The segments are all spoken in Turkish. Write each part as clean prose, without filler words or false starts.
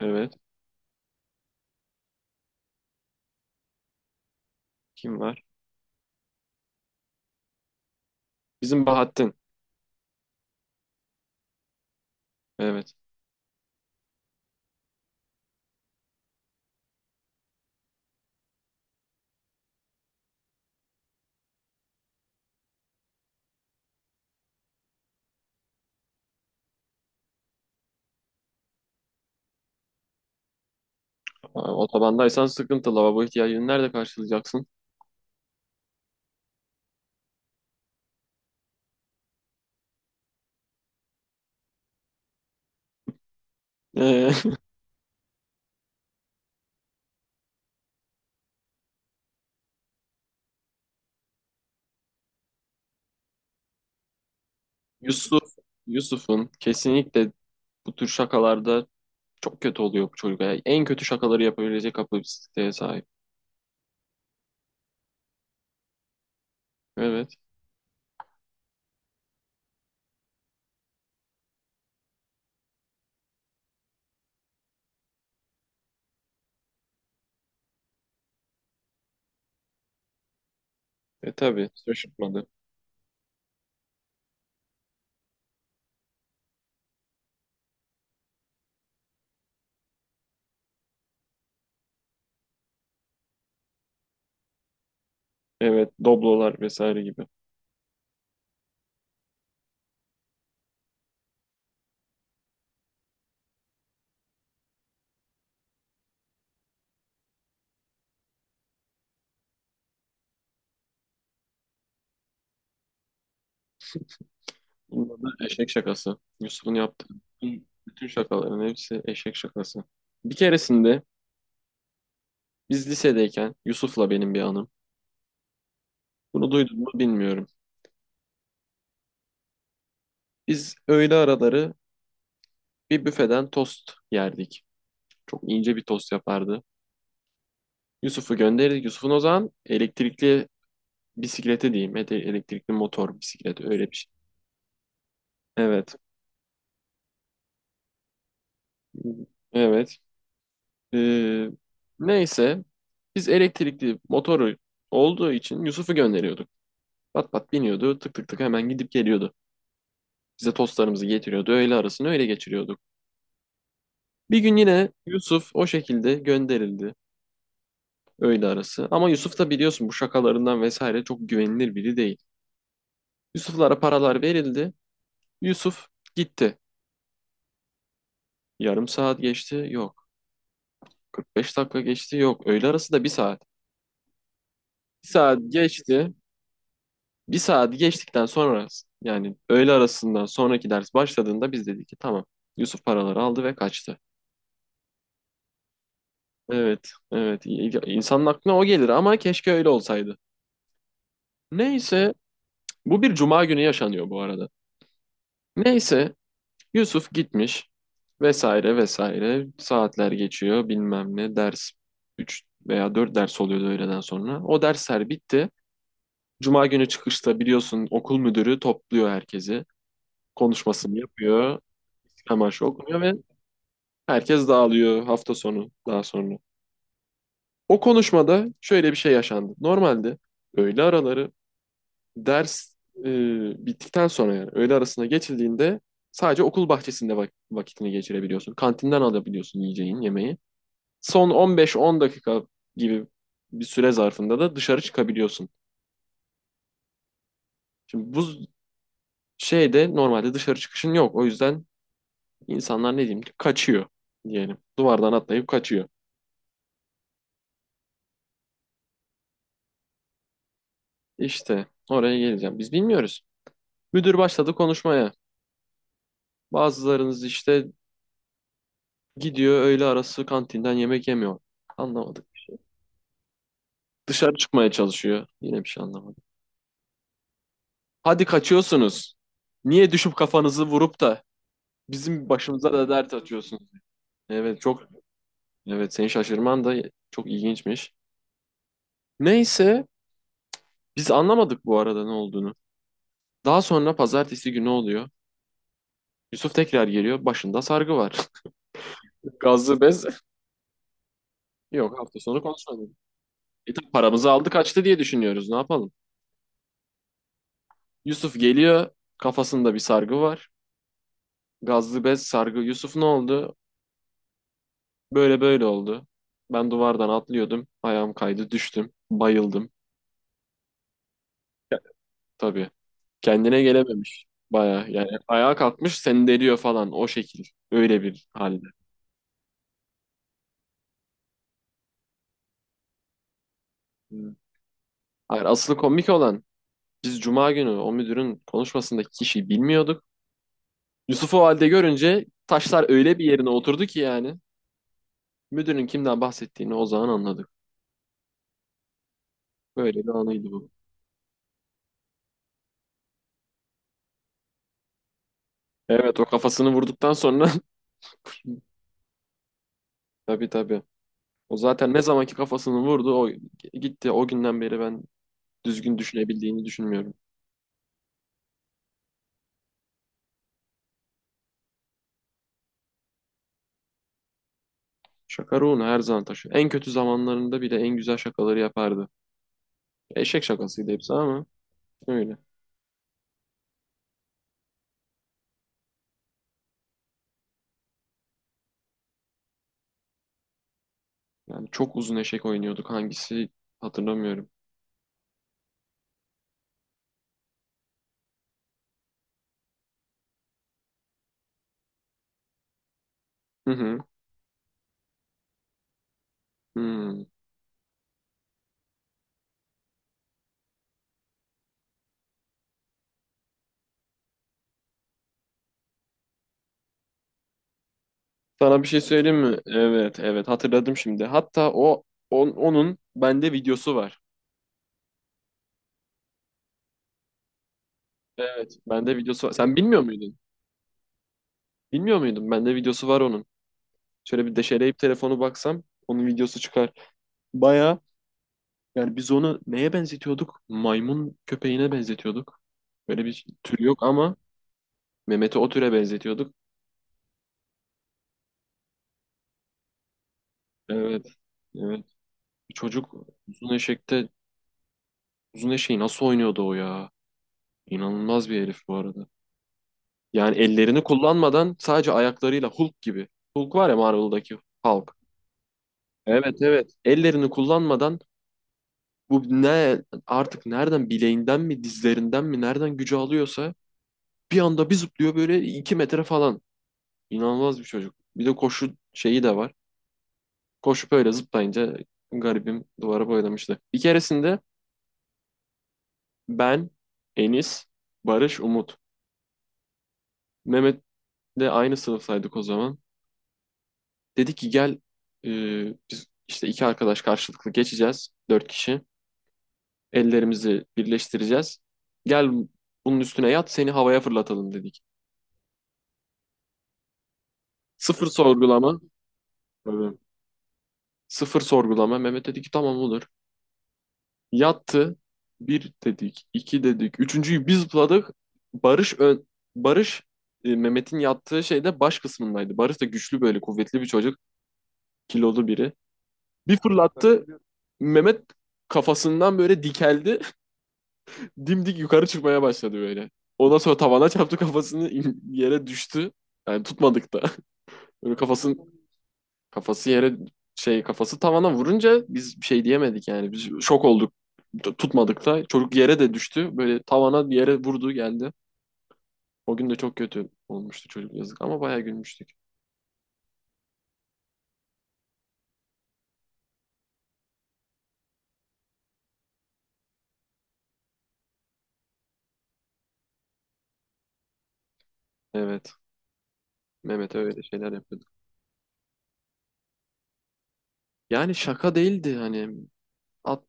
Evet. Kim var? Bizim Bahattin. Evet. Aa, otobandaysan sıkıntı. Lavabo ihtiyacını nerede karşılayacaksın? Ee, Yusuf. Yusuf'un kesinlikle bu tür şakalarda çok kötü oluyor bu çocuk. Yani en kötü şakaları yapabilecek kapasiteye sahip. Evet. E tabii. Şaşırtmadı. Evet. Doblolar vesaire gibi. Bunda da eşek şakası. Yusuf'un yaptığı bütün şakaların hepsi eşek şakası. Bir keresinde biz lisedeyken Yusuf'la benim bir anım. Bunu duydun mu bilmiyorum. Biz öğle araları bir büfeden tost yerdik. Çok ince bir tost yapardı. Yusuf'u gönderirdik. Yusuf'un o zaman elektrikli bisikleti diyeyim. Elektrikli motor bisikleti öyle bir şey. Evet. Evet. Ee, neyse. Biz elektrikli motoru olduğu için Yusuf'u gönderiyorduk. Pat pat biniyordu. Tık tık tık hemen gidip geliyordu. Bize tostlarımızı getiriyordu. Öğle arasını öyle geçiriyorduk. Bir gün yine Yusuf o şekilde gönderildi. Öyle arası. Ama Yusuf da biliyorsun bu şakalarından vesaire çok güvenilir biri değil. Yusuf'lara paralar verildi. Yusuf gitti. Yarım saat geçti. Yok. 45 dakika geçti. Yok. Öğle arası da bir saat. Bir saat geçti. Bir saat geçtikten sonra yani öğle arasından sonraki ders başladığında biz dedik ki tamam. Yusuf paraları aldı ve kaçtı. Evet. Evet. İnsanın aklına o gelir ama keşke öyle olsaydı. Neyse. Bu bir cuma günü yaşanıyor bu arada. Neyse, Yusuf gitmiş, vesaire vesaire saatler geçiyor, bilmem ne ders, 3 veya 4 ders oluyordu öğleden sonra. O dersler bitti. Cuma günü çıkışta biliyorsun okul müdürü topluyor herkesi. Konuşmasını yapıyor. İstiklal Marşı okunuyor ve herkes dağılıyor, hafta sonu daha sonra. O konuşmada şöyle bir şey yaşandı. Normalde öğle araları ders bittikten sonra, yani öğle arasına geçildiğinde, sadece okul bahçesinde vakitini geçirebiliyorsun. Kantinden alabiliyorsun yiyeceğin yemeği. Son 15-10 dakika gibi bir süre zarfında da dışarı çıkabiliyorsun. Şimdi bu şeyde normalde dışarı çıkışın yok. O yüzden insanlar, ne diyeyim ki, kaçıyor diyelim. Duvardan atlayıp kaçıyor. İşte oraya geleceğim. Biz bilmiyoruz. Müdür başladı konuşmaya. Bazılarınız işte gidiyor öğle arası, kantinden yemek yemiyor. Anlamadık. Dışarı çıkmaya çalışıyor. Yine bir şey anlamadım. Hadi kaçıyorsunuz. Niye düşüp kafanızı vurup da bizim başımıza da dert atıyorsunuz? Evet, çok, evet, seni şaşırman da çok ilginçmiş. Neyse, biz anlamadık bu arada ne olduğunu. Daha sonra pazartesi günü oluyor. Yusuf tekrar geliyor. Başında sargı var. Gazlı bez. Yok, hafta sonu konuşmadık. E tabii, paramızı aldı kaçtı diye düşünüyoruz. Ne yapalım? Yusuf geliyor. Kafasında bir sargı var. Gazlı bez sargı. Yusuf ne oldu? Böyle böyle oldu. Ben duvardan atlıyordum. Ayağım kaydı, düştüm. Bayıldım. Tabii. Kendine gelememiş. Baya yani ayağa kalkmış, seni deliyor falan, o şekil. Öyle bir halde. Hmm. Hayır, asıl komik olan, biz cuma günü o müdürün konuşmasındaki kişiyi bilmiyorduk. Yusuf'u o halde görünce taşlar öyle bir yerine oturdu ki yani. Müdürün kimden bahsettiğini o zaman anladık. Böyle bir anıydı bu. Evet, o kafasını vurduktan sonra tabii tabii. O zaten ne zamanki kafasını vurdu o gitti. O günden beri ben düzgün düşünebildiğini düşünmüyorum. Şaka ruhunu her zaman taşıyor. En kötü zamanlarında bile en güzel şakaları yapardı. Eşek şakasıydı hepsi ama öyle. Yani çok uzun eşek oynuyorduk. Hangisi hatırlamıyorum. Hı hı. Hmm. Sana bir şey söyleyeyim mi? Evet, evet, hatırladım şimdi. Hatta onun bende videosu var. Evet, bende videosu var. Sen bilmiyor muydun? Bilmiyor muydun? Bende videosu var onun. Şöyle bir deşeleyip telefonu baksam onun videosu çıkar. Baya. Yani biz onu neye benzetiyorduk? Maymun köpeğine benzetiyorduk. Böyle bir tür yok ama Mehmet'i o türe benzetiyorduk. Evet. Evet. Bu çocuk uzun eşekte uzun eşeği nasıl oynuyordu o ya? İnanılmaz bir herif bu arada. Yani ellerini kullanmadan sadece ayaklarıyla Hulk gibi. Hulk var ya, Marvel'daki Hulk. Evet, evet. Ellerini kullanmadan, bu ne artık, nereden, bileğinden mi, dizlerinden mi, nereden gücü alıyorsa bir anda bir zıplıyor böyle, iki metre falan. İnanılmaz bir çocuk. Bir de koşu şeyi de var. Koşup öyle zıplayınca garibim duvara boylamıştı. Bir keresinde ben, Enis, Barış, Umut. Mehmet de aynı sınıftaydık o zaman. Dedi ki gel, e, biz işte iki arkadaş karşılıklı geçeceğiz. Dört kişi. Ellerimizi birleştireceğiz. Gel, bunun üstüne yat, seni havaya fırlatalım dedik. Sıfır sorgulama. Tabii. Sıfır sorgulama. Mehmet dedi ki tamam olur. Yattı. Bir dedik, iki dedik. Üçüncüyü biz zıpladık. Barış ön, Barış Mehmet'in yattığı şeyde baş kısmındaydı. Barış da güçlü, böyle kuvvetli bir çocuk. Kilolu biri. Bir fırlattı. Mehmet kafasından böyle dikeldi. Dimdik yukarı çıkmaya başladı böyle. Ondan sonra tavana çarptı kafasını, yere düştü. Yani tutmadık da. Böyle kafasının Kafası yere şey Kafası tavana vurunca biz bir şey diyemedik yani. Biz şok olduk. Tutmadık da. Çocuk yere de düştü. Böyle tavana, yere vurdu geldi. O gün de çok kötü olmuştu çocuk, yazık, ama bayağı gülmüştük. Evet. Mehmet öyle şeyler yapıyordu. Yani şaka değildi hani. At,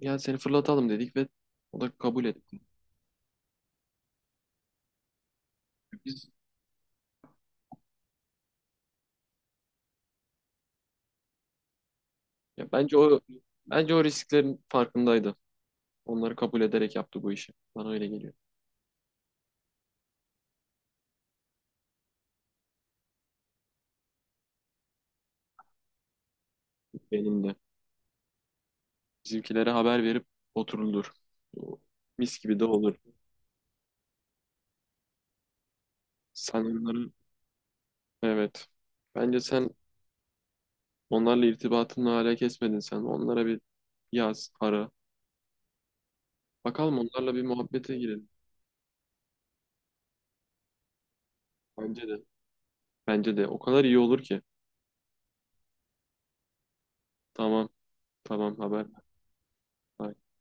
yani seni fırlatalım dedik ve o da kabul etti. Biz ya, bence o risklerin farkındaydı. Onları kabul ederek yaptı bu işi. Bana öyle geliyor. Benim de. Bizimkilere haber verip oturulur. Mis gibi de olur. Sen onların, evet. Bence sen onlarla irtibatını hala kesmedin sen. Onlara bir yaz, ara. Bakalım onlarla bir muhabbete girelim. Bence de. Bence de. O kadar iyi olur ki. Tamam. Tamam, haber ver.